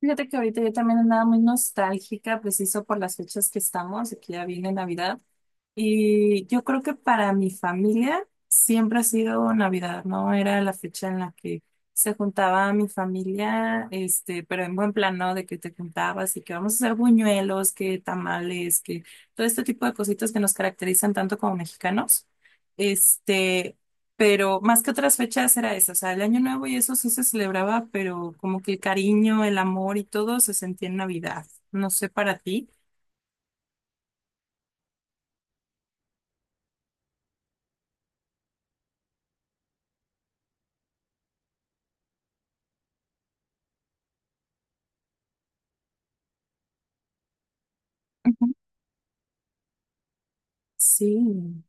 Fíjate que ahorita yo también andaba muy nostálgica, preciso por las fechas que estamos, aquí ya viene Navidad. Y yo creo que para mi familia siempre ha sido Navidad, ¿no? Era la fecha en la que se juntaba mi familia, este, pero en buen plan, ¿no? De que te juntabas y que vamos a hacer buñuelos, que tamales, que todo este tipo de cositas que nos caracterizan tanto como mexicanos. Este, pero más que otras fechas era eso, o sea, el Año Nuevo y eso sí se celebraba, pero como que el cariño, el amor y todo se sentía en Navidad. No sé para ti. Ujú. Sí.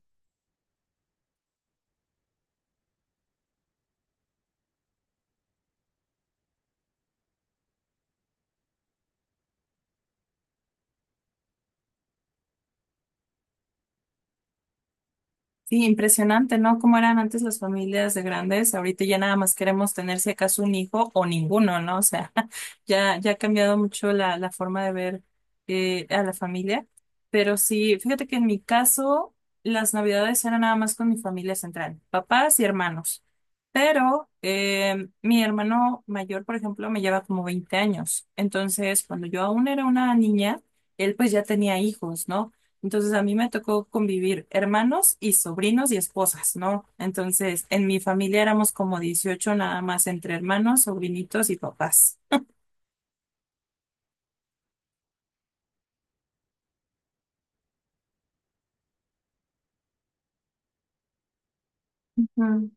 Sí, impresionante, ¿no? Cómo eran antes las familias de grandes. Ahorita ya nada más queremos tener si acaso un hijo o ninguno, ¿no? O sea, ya, ya ha cambiado mucho la forma de ver a la familia. Pero sí, fíjate que en mi caso, las navidades eran nada más con mi familia central, papás y hermanos. Pero mi hermano mayor, por ejemplo, me lleva como 20 años. Entonces, cuando yo aún era una niña, él pues ya tenía hijos, ¿no? Entonces a mí me tocó convivir hermanos y sobrinos y esposas, ¿no? Entonces en mi familia éramos como 18 nada más entre hermanos, sobrinitos y papás. Ujú.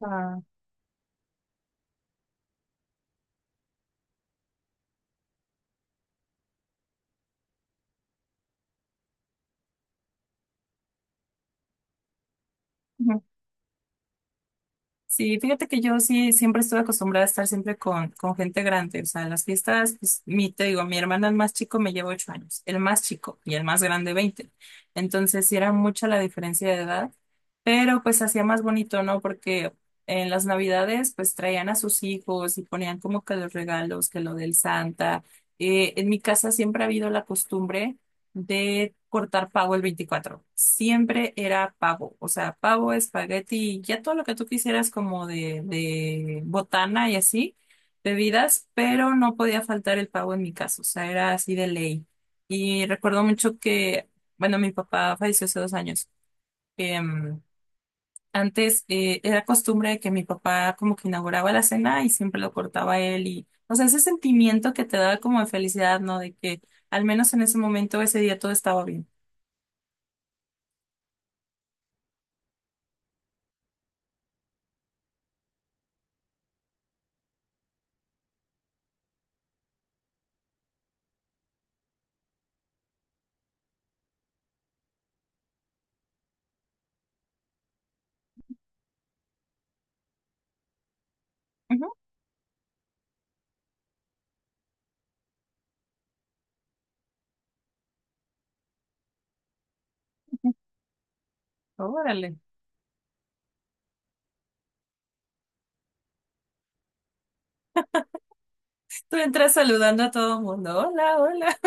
Ah. Sí, fíjate que yo sí siempre estuve acostumbrada a estar siempre con gente grande. O sea, en las fiestas, pues, te digo, mi hermano el más chico me lleva ocho años, el más chico y el más grande veinte. Entonces, sí era mucha la diferencia de edad, pero pues hacía más bonito, ¿no? Porque en las Navidades, pues traían a sus hijos y ponían como que los regalos, que lo del Santa. En mi casa siempre ha habido la costumbre de cortar pavo el veinticuatro. Siempre era pavo, o sea, pavo, espagueti, ya todo lo que tú quisieras como de, botana y así, bebidas, pero no podía faltar el pavo en mi caso, o sea, era así de ley. Y recuerdo mucho que, bueno, mi papá falleció hace dos años. em, antes, era costumbre que mi papá como que inauguraba la cena y siempre lo cortaba él y, o sea, ese sentimiento que te da como de felicidad, ¿no? De que al menos en ese momento, ese día todo estaba bien. Ujú, ujú. Órale. Tú entras saludando a todo el mundo. Hola, hola.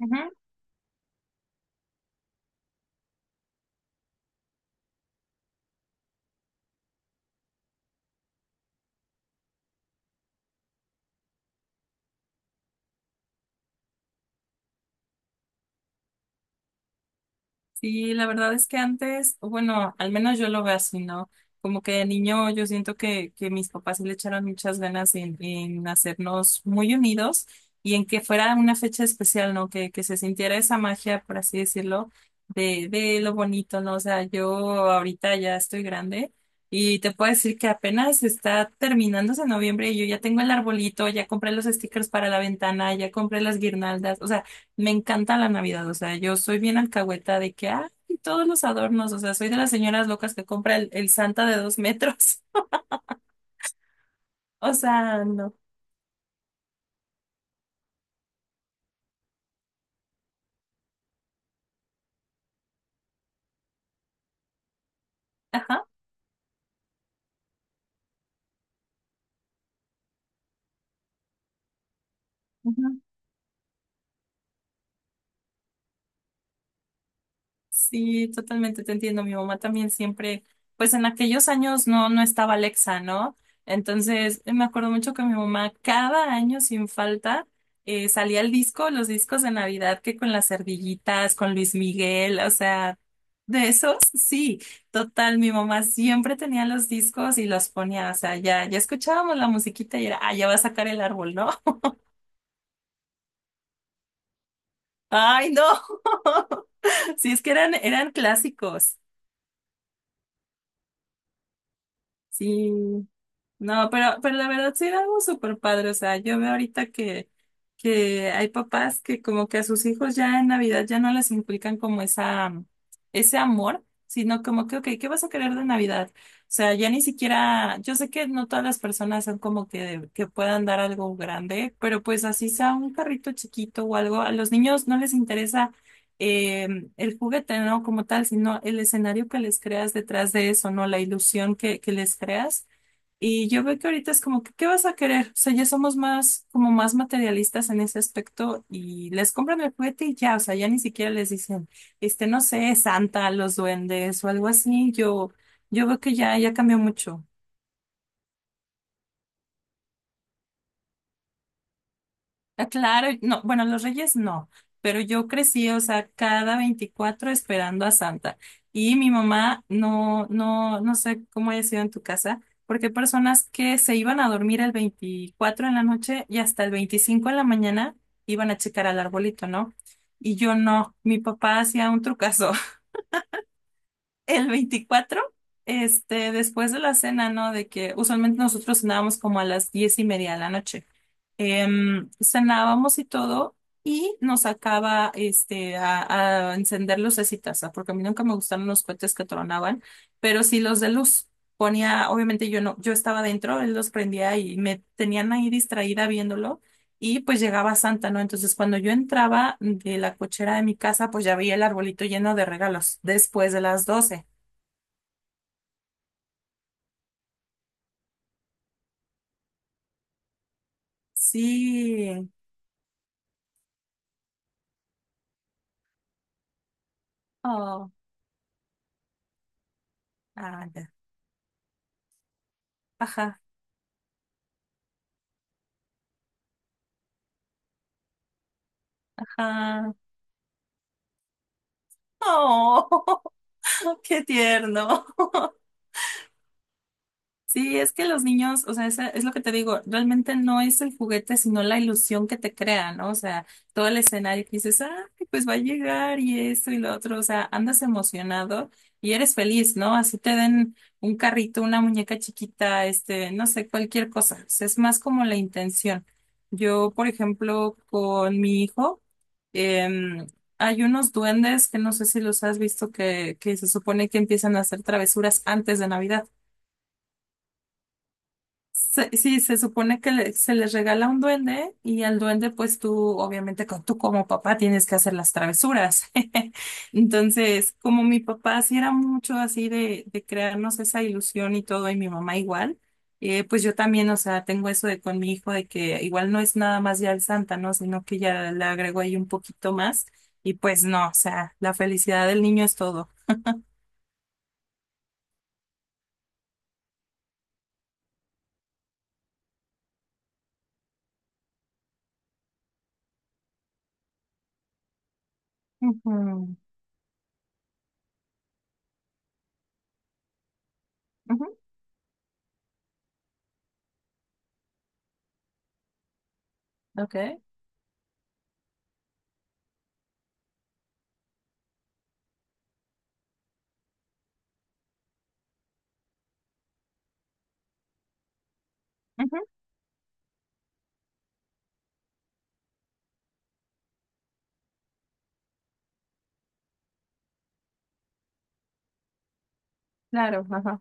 Ujú. Sí, la verdad es que antes, o bueno, al menos yo lo veo así, ¿no? Como que de niño yo siento que mis papás sí le echaron muchas ganas en hacernos muy unidos y en que fuera una fecha especial, ¿no? Que se sintiera esa magia, por así decirlo, de lo bonito, ¿no? O sea, yo ahorita ya estoy grande y te puedo decir que apenas está terminándose noviembre y yo ya tengo el arbolito, ya compré los stickers para la ventana, ya compré las guirnaldas, o sea, me encanta la Navidad, o sea, yo soy bien alcahueta de que, ah, y todos los adornos, o sea, soy de las señoras locas que compra el Santa de dos metros. O sea, no. Ajá. Sí, totalmente te entiendo. Mi mamá también siempre, pues en aquellos años no, no estaba Alexa, ¿no? Entonces, me acuerdo mucho que mi mamá cada año sin falta salía el disco, los discos de Navidad que con las ardillitas, con Luis Miguel, o sea, de esos, sí, total, mi mamá siempre tenía los discos y los ponía, o sea, ya, ya escuchábamos la musiquita y era, ah, ya va a sacar el árbol, ¿no? Ay, no. Sí, es que eran, eran clásicos. Sí. No, pero, la verdad sí era algo súper padre. O sea, yo veo ahorita que hay papás que como que a sus hijos ya en Navidad ya no les inculcan como esa, ese amor, sino como que, ok, ¿qué vas a querer de Navidad? O sea, ya ni siquiera, yo sé que no todas las personas son como que puedan dar algo grande, pero pues así sea un carrito chiquito o algo, a los niños no les interesa eh, el juguete, ¿no? Como tal, sino el escenario que les creas detrás de eso, ¿no? La ilusión que les creas. Y yo veo que ahorita es como que, ¿qué vas a querer? O sea, ya somos más, como más materialistas en ese aspecto y les compran el juguete y ya, o sea, ya ni siquiera les dicen, este, no sé, Santa, los duendes o algo así. Yo veo que ya, ya cambió mucho. Ah, claro, no, bueno, los Reyes no, pero yo crecí, o sea, cada 24 esperando a Santa. Y mi mamá, no, no, no sé cómo haya sido en tu casa, porque hay personas que se iban a dormir el 24 en la noche y hasta el 25 en la mañana iban a checar al arbolito, ¿no? Y yo no, mi papá hacía un trucazo. El veinticuatro, este, después de la cena, ¿no? De que usualmente nosotros cenábamos como a las diez y media de la noche. Cenábamos y todo, y nos sacaba este, a encender lucecitas, ¿ah? Porque a mí nunca me gustaron los cohetes que tronaban, pero sí los de luz. Ponía, obviamente yo no, yo estaba dentro, él los prendía y me tenían ahí distraída viéndolo. Y pues llegaba Santa, ¿no? Entonces cuando yo entraba de la cochera de mi casa, pues ya veía el arbolito lleno de regalos después de las doce. Sí. Oh, ah, ya. Ajá, ajá. Oh, qué tierno. Sí, es que los niños, o sea, es, lo que te digo, realmente no es el juguete, sino la ilusión que te crea, ¿no? O sea, todo el escenario que dices, ah, pues va a llegar y esto y lo otro, o sea, andas emocionado y eres feliz, ¿no? Así te den un carrito, una muñeca chiquita, este, no sé, cualquier cosa. O sea, es más como la intención. Yo, por ejemplo, con mi hijo, em, hay unos duendes que no sé si los has visto que se supone que empiezan a hacer travesuras antes de Navidad. Sí, se supone que se les regala un duende y al duende pues tú obviamente tú como papá tienes que hacer las travesuras. Entonces, como mi papá sí era mucho así de, crearnos esa ilusión y todo y mi mamá igual, pues yo también, o sea, tengo eso de con mi hijo de que igual no es nada más ya el Santa, ¿no? Sino que ya le agrego ahí un poquito más y pues no, o sea, la felicidad del niño es todo. Ujú, ujú, ok, ujú, claro, ajá.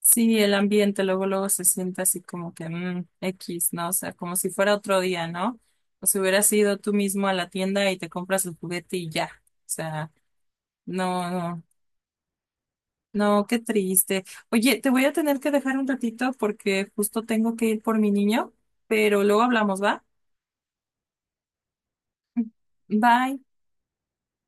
Sí, el ambiente luego luego se siente así como que X, ¿no? O sea, como si fuera otro día, ¿no? O si hubieras ido tú mismo a la tienda y te compras el juguete y ya. O sea, no, no, no, qué triste. Oye, te voy a tener que dejar un ratito porque justo tengo que ir por mi niño, pero luego hablamos, ¿va? Bye.